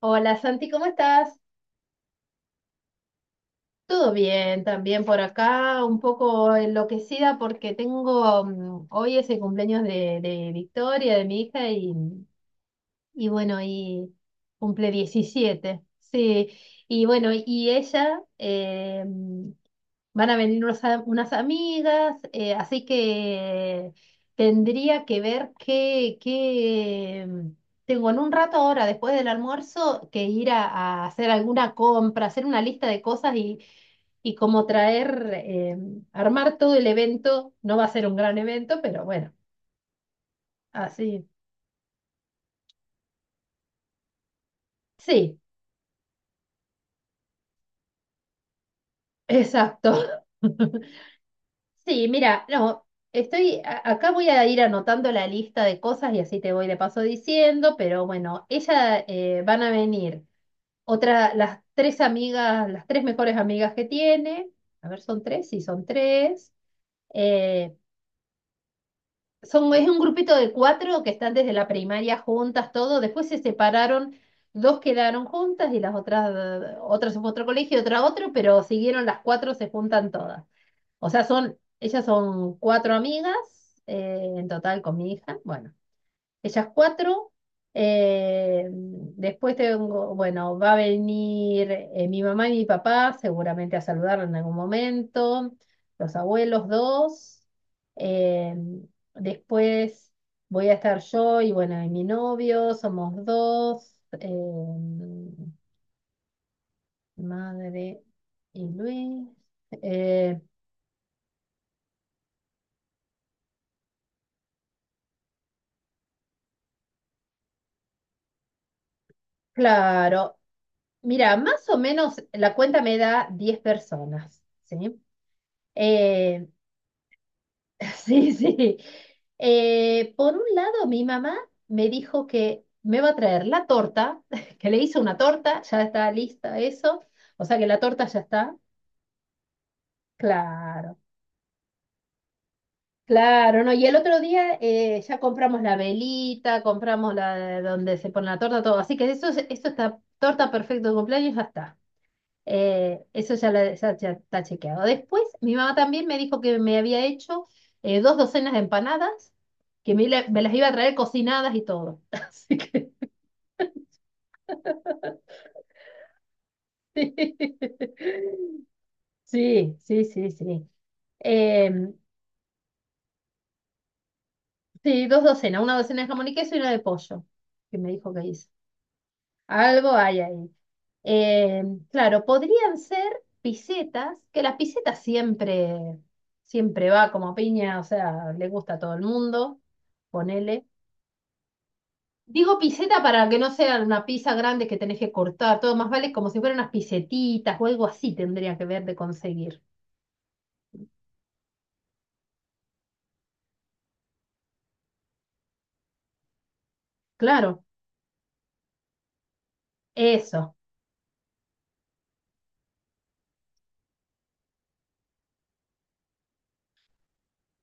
Hola Santi, ¿cómo estás? Todo bien, también por acá, un poco enloquecida porque tengo, hoy es el cumpleaños de Victoria, de mi hija, y bueno, y cumple 17, sí. Y bueno, y ella, van a venir unas amigas, así que tendría que ver qué, qué, tengo en un rato ahora, después del almuerzo, que ir a hacer alguna compra, hacer una lista de cosas y como traer, armar todo el evento. No va a ser un gran evento, pero bueno, así. Sí, exacto. Sí, mira, no, estoy, acá voy a ir anotando la lista de cosas y así te voy de paso diciendo, pero bueno, ella, van a venir las tres amigas, las tres mejores amigas que tiene, a ver, son tres, sí, son tres, eh, es un grupito de cuatro que están desde la primaria juntas, todo, después se separaron, dos quedaron juntas y las otras, otras en otro colegio, otra a otro, pero siguieron las cuatro, se juntan todas. O sea, ellas son cuatro amigas, en total con mi hija. Bueno, ellas cuatro. Después tengo, bueno, va a venir, mi mamá y mi papá seguramente a saludarla en algún momento. Los abuelos dos. Eh, Después voy a estar yo y bueno, y mi novio, somos dos. eh, Madre y Luis. Eh, Claro, mira, más o menos la cuenta me da 10 personas, ¿sí? Eh, sí, sí. Por un lado, mi mamá me dijo que me va a traer la torta, que le hice una torta, ya está lista eso, o sea que la torta ya está, claro, claro, ¿no? Y el otro día, ya compramos la velita, compramos la donde se pone la torta, todo, así que eso está, torta perfecto de cumpleaños, ya está. Eso ya, ya está chequeado. Después, mi mamá también me dijo que me había hecho, dos docenas de empanadas, que me las iba a traer cocinadas y todo. Así que sí, sí, sí, sí. Em, sí, dos docenas, una docena de jamón y queso y una de pollo, que me dijo que hizo. Algo hay ahí. Eh, claro, podrían ser pisetas, que las pisetas siempre, siempre va como piña, o sea, le gusta a todo el mundo, ponele. Digo piseta para que no sea una pizza grande que tenés que cortar, todo más vale como si fueran unas pisetitas o algo así tendría que ver de conseguir. Claro, eso.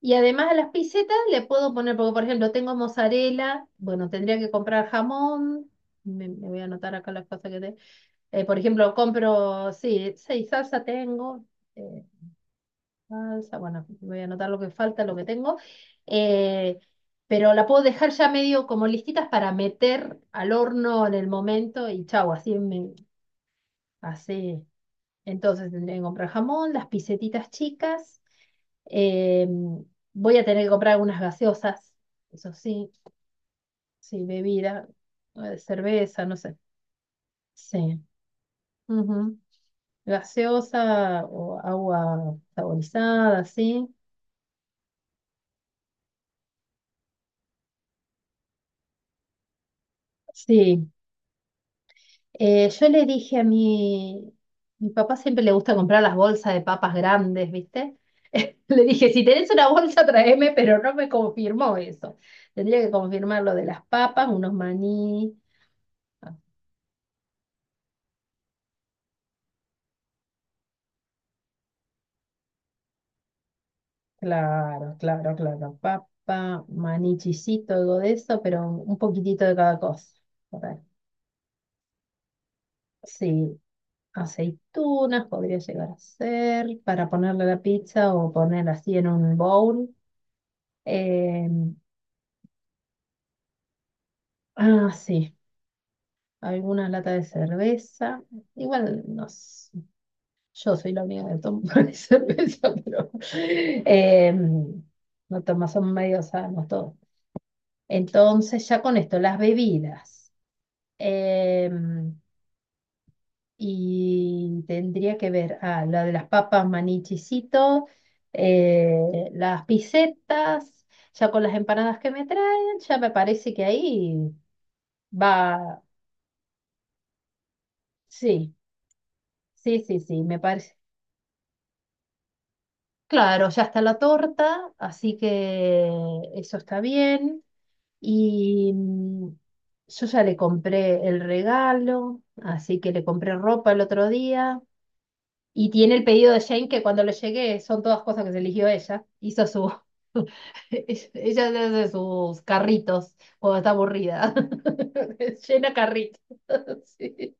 Y además a las pisetas le puedo poner, porque por ejemplo tengo mozzarella, bueno, tendría que comprar jamón, me voy a anotar acá las cosas que tengo. Por ejemplo, compro, sí, seis salsa tengo. eh, Salsa, bueno, voy a anotar lo que falta, lo que tengo. eh, pero la puedo dejar ya medio como listitas para meter al horno en el momento y chau, así me así. Entonces tendré que comprar jamón, las pisetitas chicas. eh, Voy a tener que comprar algunas gaseosas, eso sí, sí, bebida, cerveza, no sé. Sí. Ujú. Gaseosa o agua saborizada, ¿sí? Sí. Yo le dije a mi papá, siempre le gusta comprar las bolsas de papas grandes, ¿viste? Le dije, si tenés una bolsa, tráeme, pero no me confirmó eso. Tendría que confirmar lo de las papas, unos maní. Ah, claro, claro, claro. Papa, maní, chisito, algo de eso, pero un poquitito de cada cosa. Por ahí. Sí, aceitunas, podría llegar a ser, para ponerle a la pizza o poner así en un bowl. Eh, ah, sí, alguna lata de cerveza. Igual, no sé, yo soy la única que toma cerveza, pero, eh, no toma, son medio sanos todos. Entonces, ya con esto, las bebidas. Eh, Y tendría que ver, ah, la de las papas, manichicito, las pisetas, ya con las empanadas que me traen, ya me parece que ahí va. Sí, sí, sí, sí, me parece. Claro, ya está la torta, así que eso está bien. Y yo ya le compré el regalo, así que le compré ropa el otro día. Y tiene el pedido de Jane que cuando le llegue son todas cosas que se eligió ella. Hizo su. Ella hace sus carritos cuando está aburrida. Llena carritos. Sí.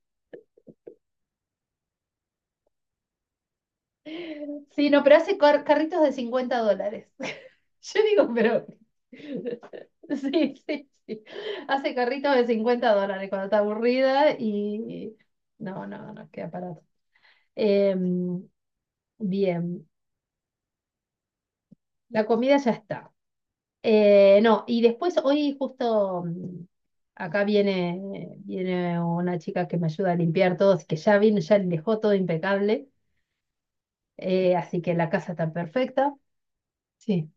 Sí, no, pero hace carritos de $50. Yo digo, pero. Sí, sí, sí. Hace carritos de $50 cuando está aburrida y. No, no, no, queda parado. Em, Bien, la comida ya está. No, y después hoy justo, acá viene una chica que me ayuda a limpiar todo, así que ya vino, ya dejó todo impecable, así que la casa está perfecta. Sí.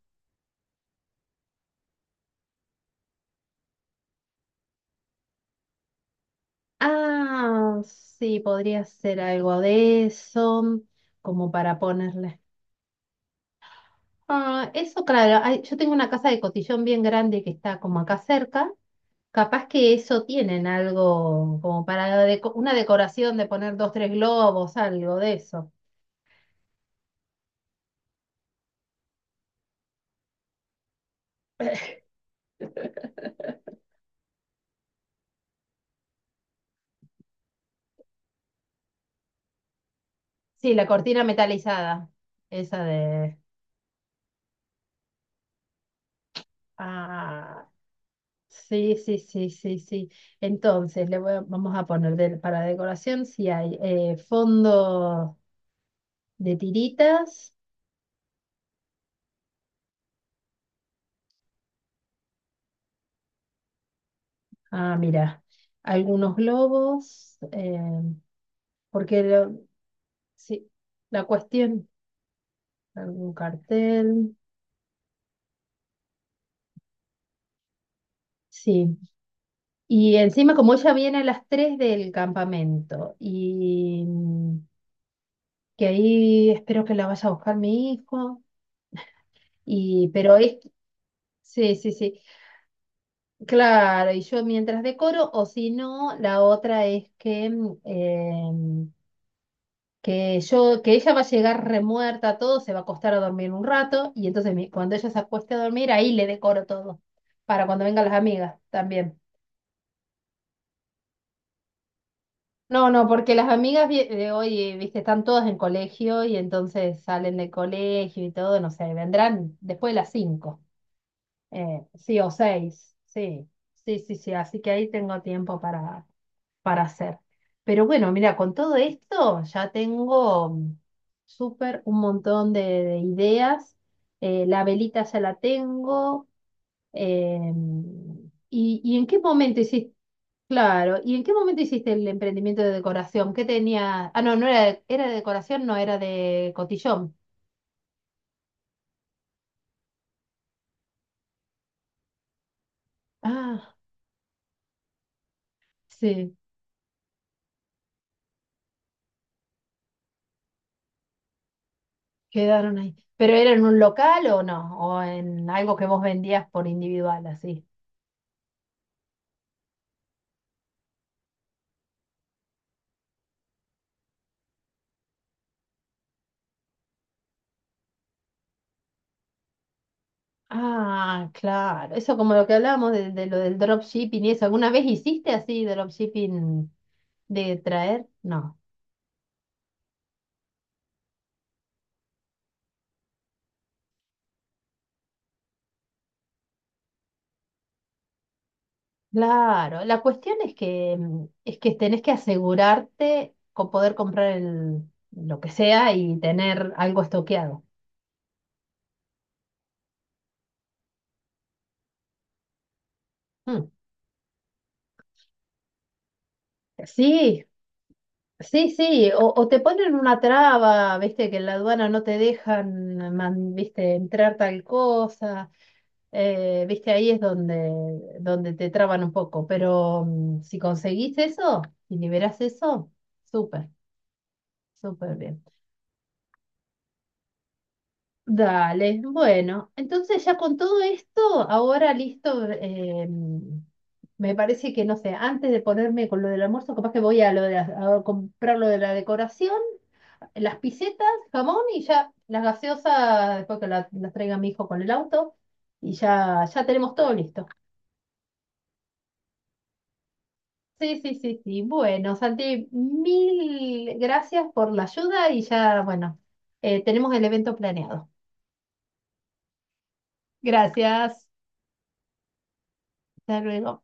Ah, sí, podría ser algo de eso, como para ponerle. Ah, eso, claro, yo tengo una casa de cotillón bien grande que está como acá cerca. Capaz que eso tienen algo como para una decoración de poner dos, tres globos, algo de eso. Sí, la cortina metalizada, esa de. Ah, sí, sí, sí, sí, sí. Entonces, vamos a poner para decoración si hay, fondo de tiritas. Ah, mira, algunos globos, porque sí, la cuestión, algún cartel, sí. Y encima, como ella viene a las 3 del campamento y que ahí espero que la vaya a buscar mi hijo. Y, pero es, sí, sí, sí. Claro, y yo mientras decoro, o si no, la otra es que, que yo, que ella va a llegar remuerta, todo, se va a acostar a dormir un rato, y entonces cuando ella se acueste a dormir, ahí le decoro todo, para cuando vengan las amigas también. No, no, porque las amigas de hoy, viste, están todas en colegio y entonces salen del colegio y todo, no sé, vendrán después de las 5. Sí, o seis, sí, sí, sí, sí, así que ahí tengo tiempo para hacer. Pero bueno, mira, con todo esto ya tengo, súper un montón de ideas. La velita ya la tengo, y en qué momento hiciste, claro, ¿y en qué momento hiciste el emprendimiento de decoración? ¿Qué tenía? Ah, no, no era de, era de decoración, no, era de cotillón. Ah, sí. Quedaron ahí. ¿Pero era en un local o no? ¿O en algo que vos vendías por individual, así? Ah, claro. Eso como lo que hablábamos de lo del dropshipping y eso. ¿Alguna vez hiciste así dropshipping de traer? No. Claro. La cuestión es que, es que tenés que asegurarte con poder comprar lo que sea y tener algo estoqueado. Mm. Sí, sí, sí, o te ponen una traba, viste, que en la aduana no te dejan, viste, entrar tal cosa, viste, ahí es donde te traban un poco, pero, si conseguís eso, si liberás eso, súper, súper bien. Dale, bueno, entonces ya con todo esto, ahora listo, me parece que, no sé, antes de ponerme con lo del almuerzo, capaz que voy a, lo de, a comprar lo de la decoración. Las pisetas, jamón y ya las gaseosas, después que las traiga mi hijo con el auto, y ya tenemos todo listo. Sí, sí, sí, sí. Bueno, Santi, mil gracias por la ayuda y ya, bueno, tenemos el evento planeado. Gracias. Hasta luego.